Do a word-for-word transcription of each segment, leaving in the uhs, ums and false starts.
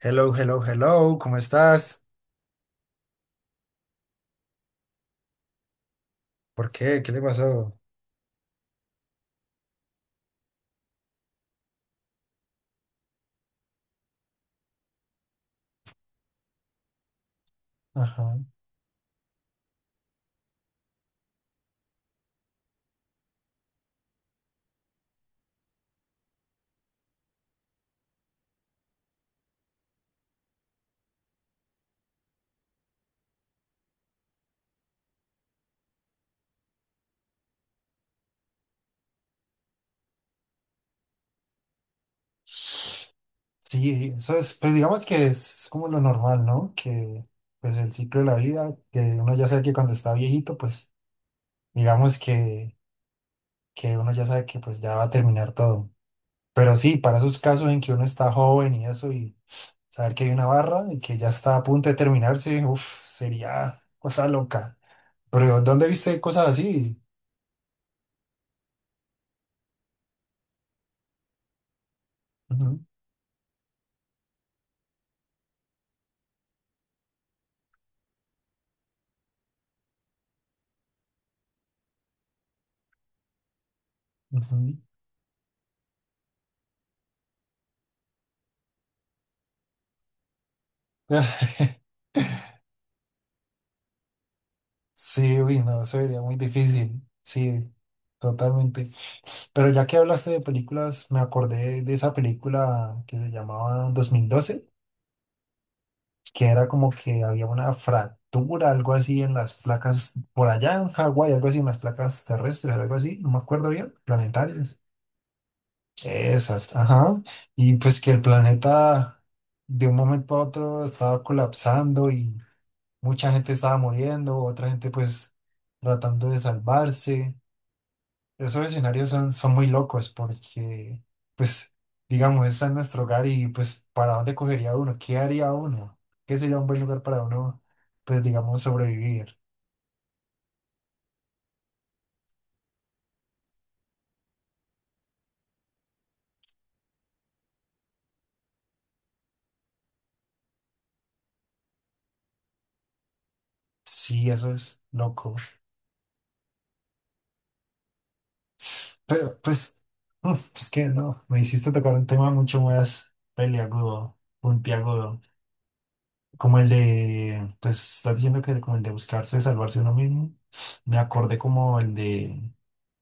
Hello, hello, hello, ¿cómo estás? ¿Por qué? ¿Qué le pasó? Ajá. Sí, eso es, pues digamos que es como lo normal, ¿no? Que pues el ciclo de la vida, que uno ya sabe que cuando está viejito, pues digamos que, que uno ya sabe que pues ya va a terminar todo. Pero sí, para esos casos en que uno está joven y eso, y saber que hay una barra y que ya está a punto de terminarse, uff, sería cosa loca. Pero ¿dónde viste cosas así? Ujú, ujú. Sí, uy, no, eso sería muy difícil. Sí, totalmente. Pero ya que hablaste de películas, me acordé de esa película que se llamaba Dos mil doce, que era como que había una fractura, algo así en las placas, por allá en Hawái, algo así en las placas terrestres, algo así, no me acuerdo bien, planetarias. Esas, ajá. Y pues que el planeta de un momento a otro estaba colapsando y mucha gente estaba muriendo, otra gente pues tratando de salvarse. Esos escenarios son, son muy locos porque, pues, digamos, está en nuestro hogar y, pues, ¿para dónde cogería uno? ¿Qué haría uno? ¿Qué sería un buen lugar para uno, pues, digamos, sobrevivir? Sí, eso es loco. Pero, pues, uf, es que no, me hiciste tocar un tema mucho más peliagudo, puntiagudo, como el de, pues, estás diciendo que como el de buscarse, salvarse uno mismo. Me acordé como el de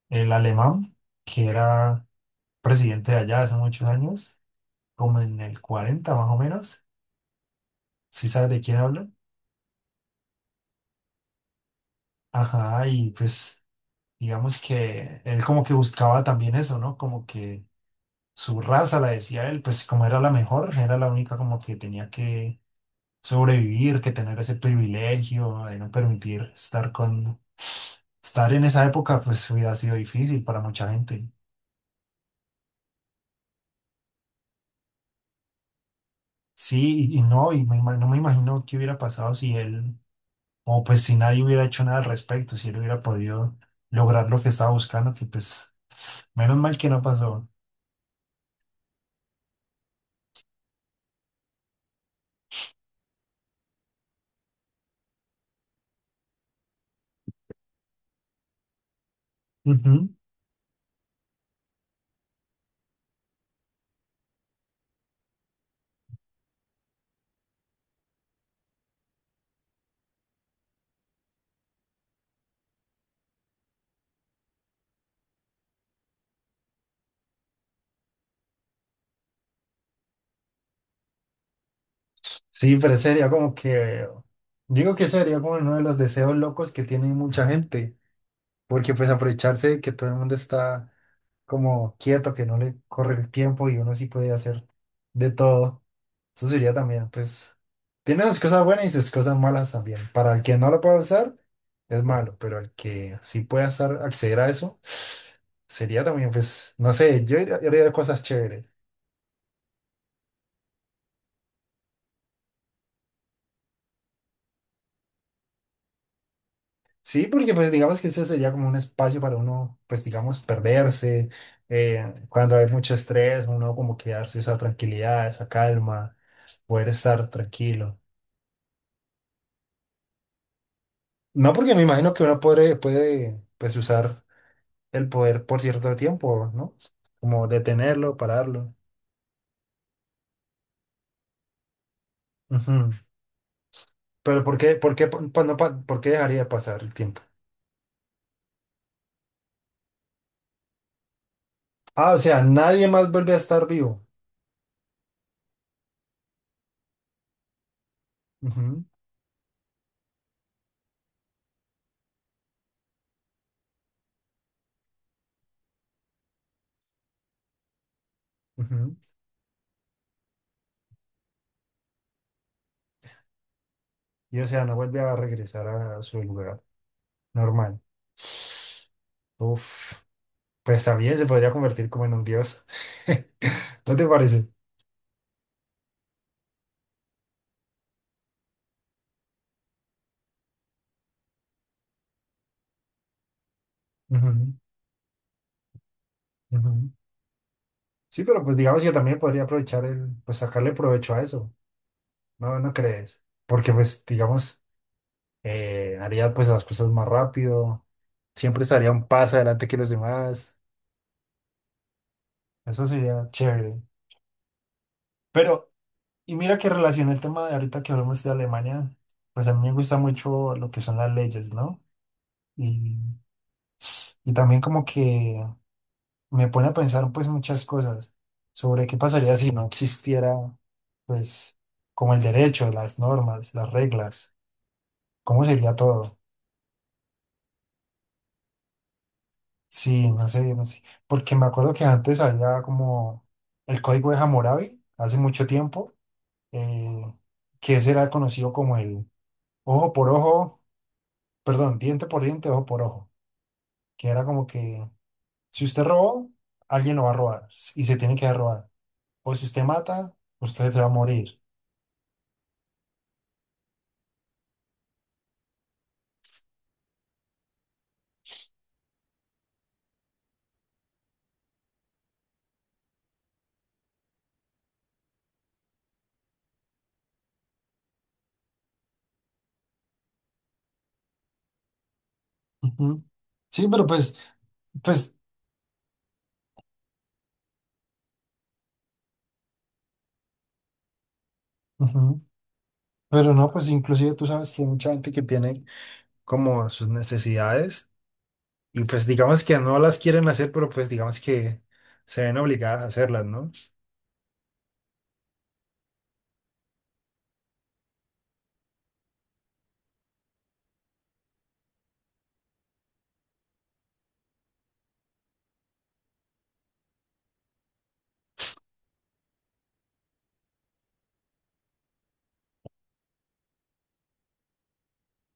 el alemán, que era presidente de allá hace muchos años, como en el cuarenta más o menos, si sabes de quién hablo. Ajá, y pues digamos que él como que buscaba también eso, ¿no? Como que su raza, la decía él, pues como era la mejor, era la única como que tenía que sobrevivir, que tener ese privilegio de no permitir estar con... Estar en esa época pues hubiera sido difícil para mucha gente. Sí, y y no, y me ima- no me imagino qué hubiera pasado si él. Como pues si nadie hubiera hecho nada al respecto, si él hubiera podido lograr lo que estaba buscando, que pues menos mal que no pasó. Ujú. Sí, pero sería como que, digo que sería como uno de los deseos locos que tiene mucha gente, porque pues aprovecharse de que todo el mundo está como quieto, que no le corre el tiempo y uno sí puede hacer de todo. Eso sería también, pues, tiene sus cosas buenas y sus cosas malas también. Para el que no lo pueda usar, es malo, pero el que sí pueda estar, acceder a eso, sería también, pues, no sé, yo haría yo haría cosas chéveres. Sí, porque pues digamos que ese sería como un espacio para uno, pues digamos, perderse. Eh, cuando hay mucho estrés, uno como que darse esa tranquilidad, esa calma, poder estar tranquilo. No porque me imagino que uno puede, puede pues usar el poder por cierto tiempo, ¿no? Como detenerlo, pararlo. Ujú. Pero ¿por qué, por qué, pa- pa- no pa- por qué dejaría de pasar el tiempo? Ah, o sea, nadie más vuelve a estar vivo. Ujú, ujú. Y o sea, no vuelve a regresar a su lugar normal. Uf, pues también se podría convertir como en un dios. ¿No te parece? Ujú, ujú. Sí, pero pues digamos que también podría aprovechar el, pues sacarle provecho a eso. No, ¿no crees? Porque pues digamos... eh, Haría pues las cosas más rápido, siempre estaría un paso adelante que los demás, eso sería chévere. Pero, y mira que relaciona el tema de ahorita que hablamos de Alemania, pues a mí me gusta mucho lo que son las leyes, ¿no? Y, y también como que me pone a pensar pues muchas cosas sobre qué pasaría si no existiera pues como el derecho, las normas, las reglas, cómo sería todo. Sí, no sé, no sé. Porque me acuerdo que antes había como el código de Hammurabi, hace mucho tiempo, eh, que ese era conocido como el ojo por ojo, perdón, diente por diente, ojo por ojo. Que era como que si usted robó, alguien lo va a robar s- y se tiene que robar. O si usted mata, usted se va a morir. Ujú. Sí, pero pues, pues, ujú. Pero no, pues inclusive tú sabes que hay mucha gente que tiene como sus necesidades. Y pues digamos que no las quieren hacer, pero pues digamos que se ven obligadas a hacerlas, ¿no?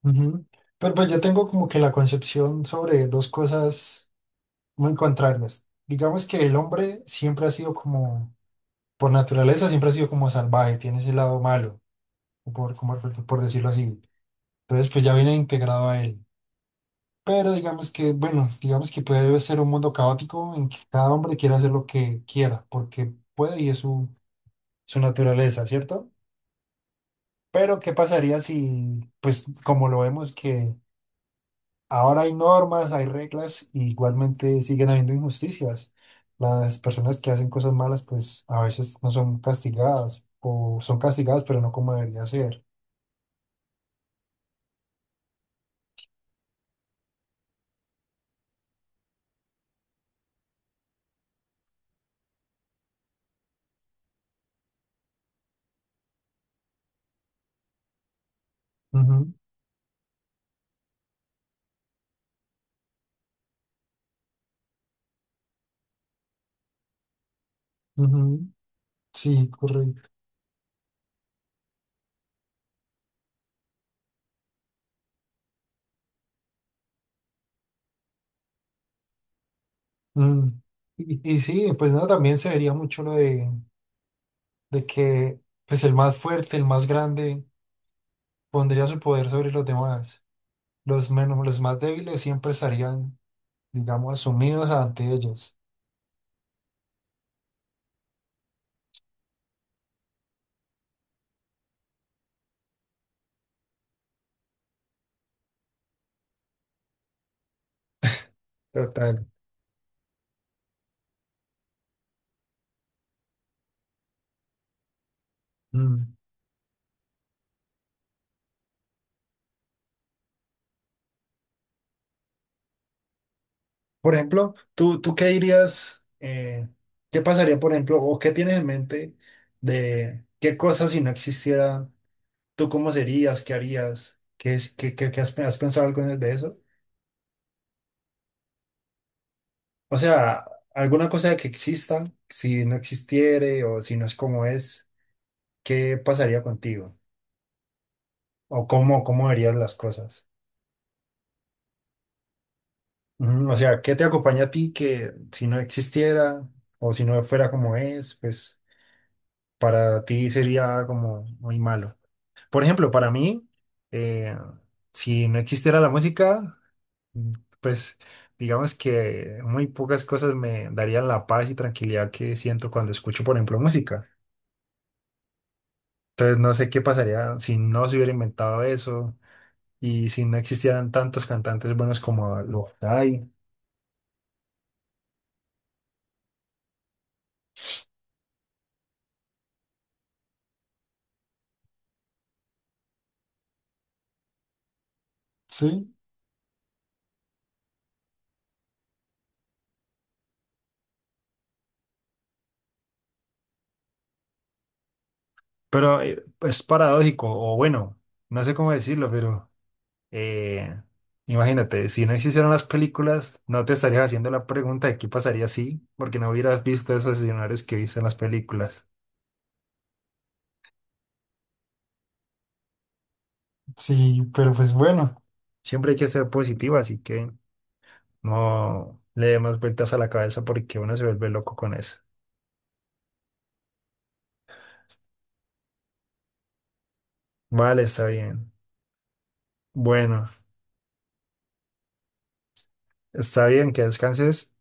Ujú. Pero pues yo tengo como que la concepción sobre dos cosas muy contrarias. Digamos que el hombre siempre ha sido como, por naturaleza, siempre ha sido como salvaje, tiene ese lado malo, o por, como, por por decirlo así. Entonces pues ya viene integrado a él. Pero digamos que, bueno, digamos que puede ser un mundo caótico en que cada hombre quiera hacer lo que quiera, porque puede y es su, su naturaleza, ¿cierto? Pero, ¿qué pasaría si, pues, como lo vemos, que ahora hay normas, hay reglas, y igualmente siguen habiendo injusticias? Las personas que hacen cosas malas, pues, a veces no son castigadas, o son castigadas, pero no como debería ser. Ujú, ujú. Sí, correcto. Mm. Y, y sí, pues no, también se vería mucho lo de, de que pues el más fuerte, el más grande, pondría su poder sobre los demás. Los menos, los más débiles siempre estarían digamos, asumidos ante ellos. Total. Mm. Por ejemplo, ¿tú, tú qué dirías, eh, qué pasaría, por ejemplo, o qué tienes en mente de qué cosas si no existieran, tú cómo serías, qué harías, qué, es- qué, qué- qué has, has pensado algo de eso? O sea, alguna cosa que exista, si no existiere o si no es como es, ¿qué pasaría contigo? ¿O cómo, cómo verías las cosas? Ujú. O sea, ¿qué te acompaña a ti que si no existiera o si no fuera como es, pues para ti sería como muy malo? Por ejemplo, para mí, eh, si no existiera la música, mm, pues digamos que muy pocas cosas me darían la paz y tranquilidad que siento cuando escucho, por ejemplo, música. Entonces no sé qué pasaría si no se hubiera inventado eso y si no existieran tantos cantantes buenos como los hay. Sí. Pero eh, es paradójico, o bueno, no sé cómo decirlo, pero eh, imagínate, si no existieran las películas, no te estarías haciendo la pregunta de qué pasaría si, porque no hubieras visto esos escenarios que viste en las películas. Sí, pero pues bueno, siempre hay que ser positivo, así que no le dé más vueltas a la cabeza porque uno se vuelve loco con eso. Vale, está bien. Bueno, está bien, que descanses.